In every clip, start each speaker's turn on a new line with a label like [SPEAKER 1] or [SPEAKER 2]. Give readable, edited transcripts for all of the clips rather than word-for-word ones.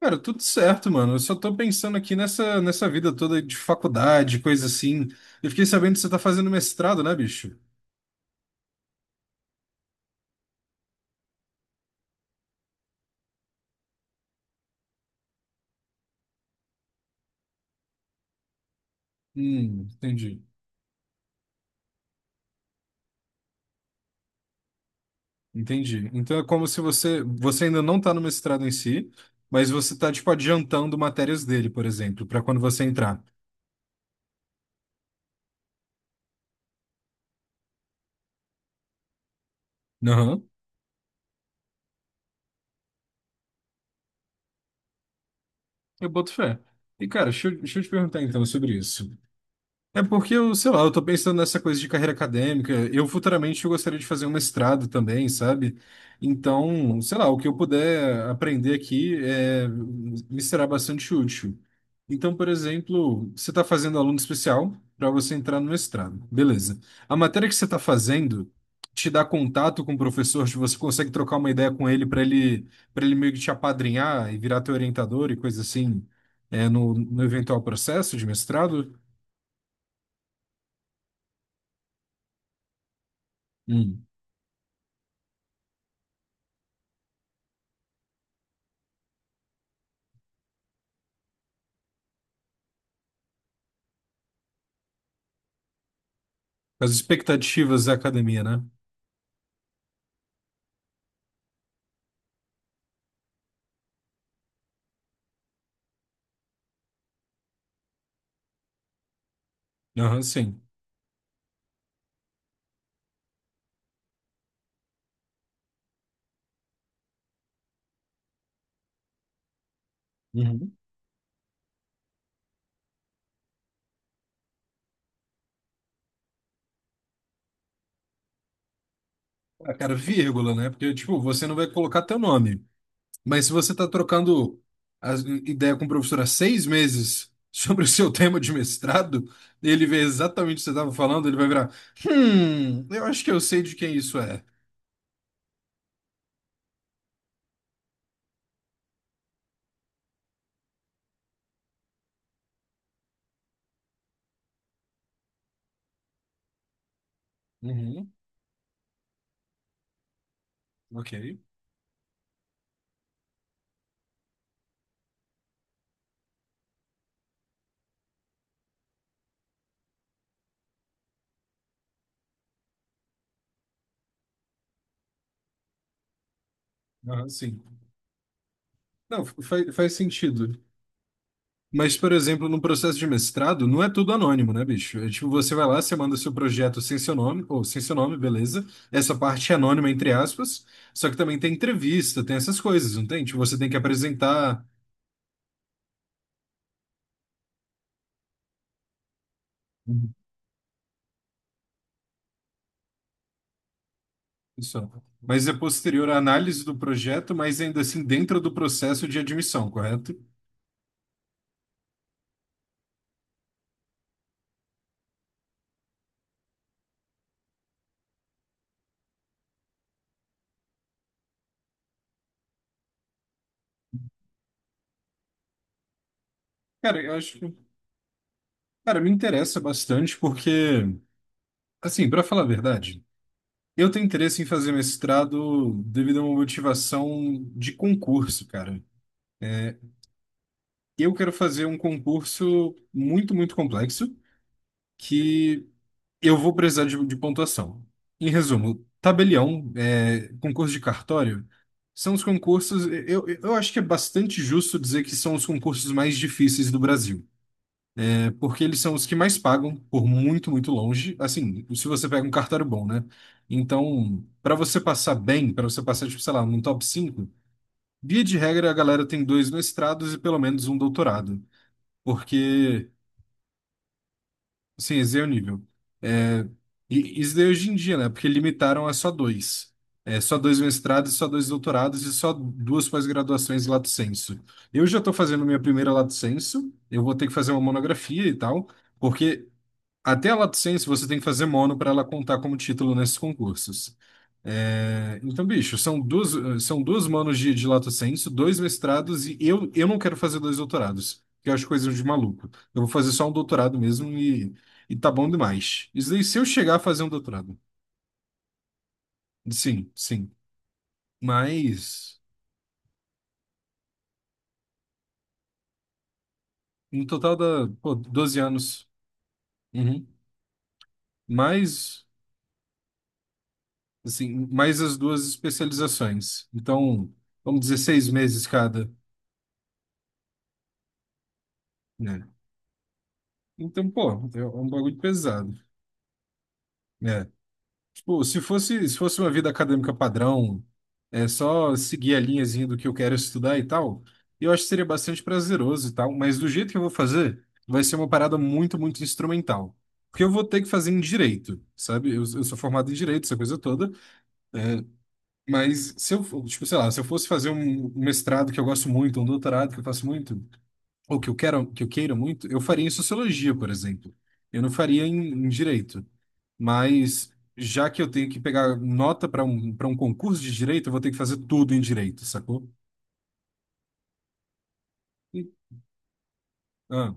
[SPEAKER 1] Cara, tudo certo, mano. Eu só tô pensando aqui nessa vida toda de faculdade, coisa assim. Eu fiquei sabendo que você tá fazendo mestrado, né, bicho? Entendi. Entendi. Então é como se você ainda não tá no mestrado em si, mas você tá, tipo, adiantando matérias dele, por exemplo, pra quando você entrar. Aham. Eu boto fé. E, cara, deixa eu te perguntar então sobre isso. É porque eu, sei lá, eu tô pensando nessa coisa de carreira acadêmica. Eu futuramente eu gostaria de fazer um mestrado também, sabe? Então, sei lá, o que eu puder aprender aqui me será bastante útil. Então, por exemplo, você está fazendo aluno especial para você entrar no mestrado. Beleza. A matéria que você está fazendo te dá contato com o professor, tipo, você consegue trocar uma ideia com ele, para ele meio que te apadrinhar e virar teu orientador e coisa assim, no eventual processo de mestrado? Hum. As expectativas da academia, né? Aham, sim. Uhum. Ah, cara, vírgula, né? Porque, tipo, você não vai colocar teu nome. Mas se você tá trocando a ideia com o professor há 6 meses sobre o seu tema de mestrado, ele vê exatamente o que você estava falando, ele vai virar, eu acho que eu sei de quem isso é. Uhum, ok. Aham, sim. Não, faz sentido. Mas, por exemplo, no processo de mestrado, não é tudo anônimo, né, bicho? É, tipo, você vai lá, você manda seu projeto sem seu nome, ou sem seu nome, beleza. Essa parte é anônima, entre aspas. Só que também tem entrevista, tem essas coisas, não tem? Tipo, você tem que apresentar. Uhum. Isso. Mas é posterior à análise do projeto, mas ainda assim dentro do processo de admissão, correto? Cara, eu acho que. Cara, me interessa bastante porque, assim, para falar a verdade. Eu tenho interesse em fazer mestrado devido a uma motivação de concurso, cara. Eu quero fazer um concurso muito, muito complexo que eu vou precisar de pontuação. Em resumo, tabelião, concurso de cartório, são os concursos. Eu acho que é bastante justo dizer que são os concursos mais difíceis do Brasil, né? Porque eles são os que mais pagam por muito, muito longe. Assim, se você pega um cartório bom, né? Então, para você passar bem, para você passar, tipo, sei lá, num top 5, via de regra a galera tem dois mestrados e pelo menos um doutorado. Porque Sim, esse é o nível. É, e isso daí hoje em dia, né? Porque limitaram a só dois. Só dois mestrados, só dois doutorados e só duas pós-graduações lato sensu. Eu já estou fazendo minha primeira lato sensu, eu vou ter que fazer uma monografia e tal, porque até a lato sensu você tem que fazer mono para ela contar como título nesses concursos. Então, bicho, são duas manos de Lato Sensu, dois mestrados, e eu não quero fazer dois doutorados, que eu acho coisa de maluco. Eu vou fazer só um doutorado mesmo e, tá bom demais. Isso daí, se eu chegar a fazer um doutorado. Sim, sim. Mas, no total dá, pô, 12 anos. Uhum. Mais, assim, mais as duas especializações. Então, vamos 16 meses cada, né? Então, pô, é um bagulho pesado. Né? Pô, se fosse uma vida acadêmica padrão, é só seguir a linhazinha do que eu quero estudar e tal, eu acho que seria bastante prazeroso e tal, mas do jeito que eu vou fazer, vai ser uma parada muito, muito instrumental. Porque eu vou ter que fazer em direito, sabe? Eu sou formado em direito, essa coisa toda, mas se eu, for- tipo, sei lá, se eu fosse fazer um mestrado que eu gosto muito, um doutorado que eu faço muito, ou que eu quero, que eu queira muito, eu faria em sociologia, por exemplo. Eu não faria em direito mas já que eu tenho que pegar nota para um concurso de direito, eu vou ter que fazer tudo em direito, sacou? E- ah,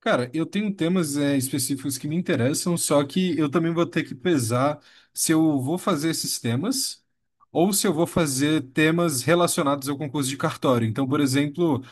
[SPEAKER 1] cara, eu tenho temas específicos que me interessam, só que eu também vou ter que pesar se eu vou fazer esses temas ou se eu vou fazer temas relacionados ao concurso de cartório. Então, por exemplo,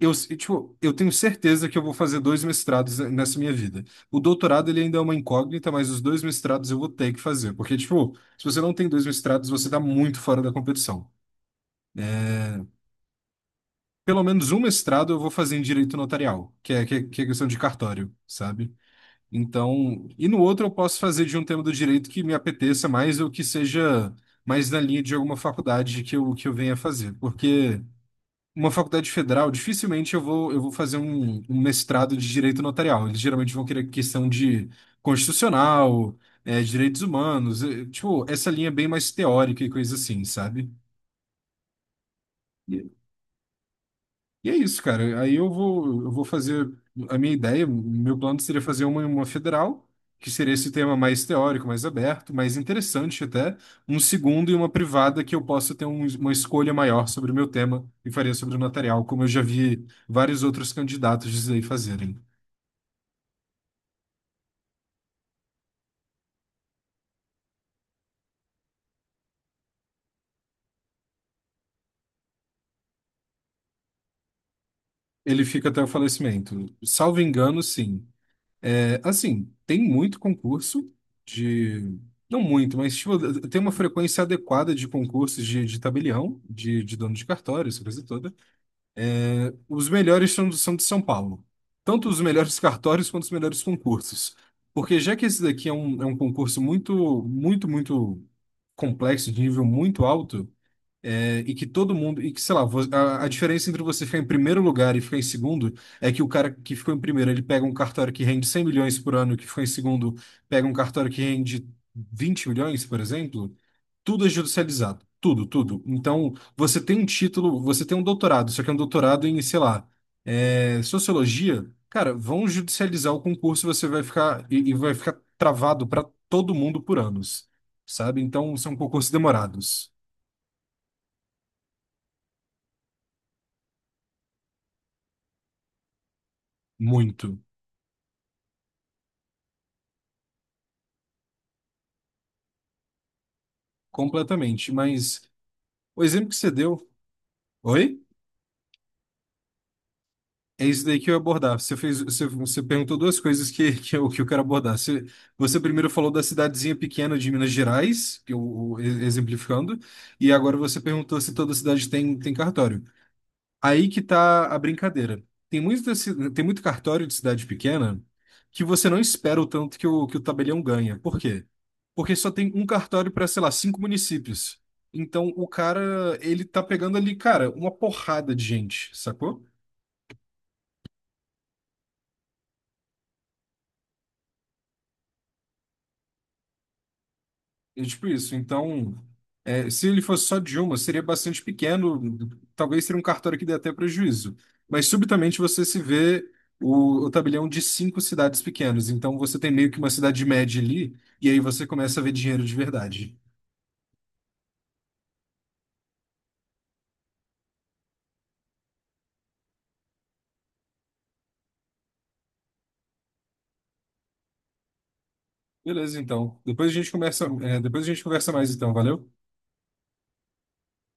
[SPEAKER 1] eu, tipo, eu tenho certeza que eu vou fazer dois mestrados nessa minha vida. O doutorado, ele ainda é uma incógnita, mas os dois mestrados eu vou ter que fazer. Porque, tipo, se você não tem dois mestrados, você tá muito fora da competição. Pelo menos um mestrado eu vou fazer em direito notarial, que é questão de cartório, sabe? Então, e no outro eu posso fazer de um tema do direito que me apeteça mais ou que seja mais na linha de alguma faculdade que eu, venha fazer. Porque. Uma faculdade federal, dificilmente eu vou, fazer um mestrado de direito notarial. Eles geralmente vão querer questão de constitucional, direitos humanos, tipo, essa linha bem mais teórica e coisa assim, sabe? E é isso, cara. Aí eu vou, fazer a minha ideia, o meu plano seria fazer uma federal, que seria esse tema mais teórico, mais aberto, mais interessante até, um segundo e uma privada que eu possa ter uma escolha maior sobre o meu tema e faria sobre o notarial, como eu já vi vários outros candidatos dizer e fazerem. Ele fica até o falecimento. Salvo engano, sim. Assim, tem muito concurso de. Não muito, mas tipo, tem uma frequência adequada de concursos de, tabelião, de dono de cartório, essa coisa toda. Os melhores são de São Paulo. Tanto os melhores cartórios quanto os melhores concursos. Porque já que esse daqui é um concurso muito, muito, muito complexo, de nível muito alto, e que todo mundo, e que, sei lá, a diferença entre você ficar em primeiro lugar e ficar em segundo é que o cara que ficou em primeiro, ele pega um cartório que rende 100 milhões por ano, e que ficou em segundo pega um cartório que rende 20 milhões, por exemplo. Tudo é judicializado, tudo, tudo. Então, você tem um título, você tem um doutorado, só que é um doutorado em, sei lá, sociologia. Cara, vão judicializar o concurso, você vai ficar e vai ficar travado para todo mundo por anos, sabe? Então, são concursos demorados, muito. Completamente. Mas o exemplo que você deu. Oi? É isso daí que eu ia abordar. Você fez, você perguntou duas coisas que, que eu quero abordar. Você primeiro falou da cidadezinha pequena de Minas Gerais, que eu exemplificando, e agora você perguntou se toda cidade tem, cartório. Aí que tá a brincadeira. Tem muito cartório de cidade pequena que você não espera o tanto que o tabelião ganha. Por quê? Porque só tem um cartório para, sei lá, cinco municípios. Então o cara, ele tá pegando ali, cara, uma porrada de gente, sacou? É tipo isso. Então, se ele fosse só de uma, seria bastante pequeno, talvez seria um cartório que dê até prejuízo. Mas subitamente você se vê o tabelião de cinco cidades pequenas. Então você tem meio que uma cidade média ali, e aí você começa a ver dinheiro de verdade. Beleza, então. Depois a gente conversa mais, então. Valeu?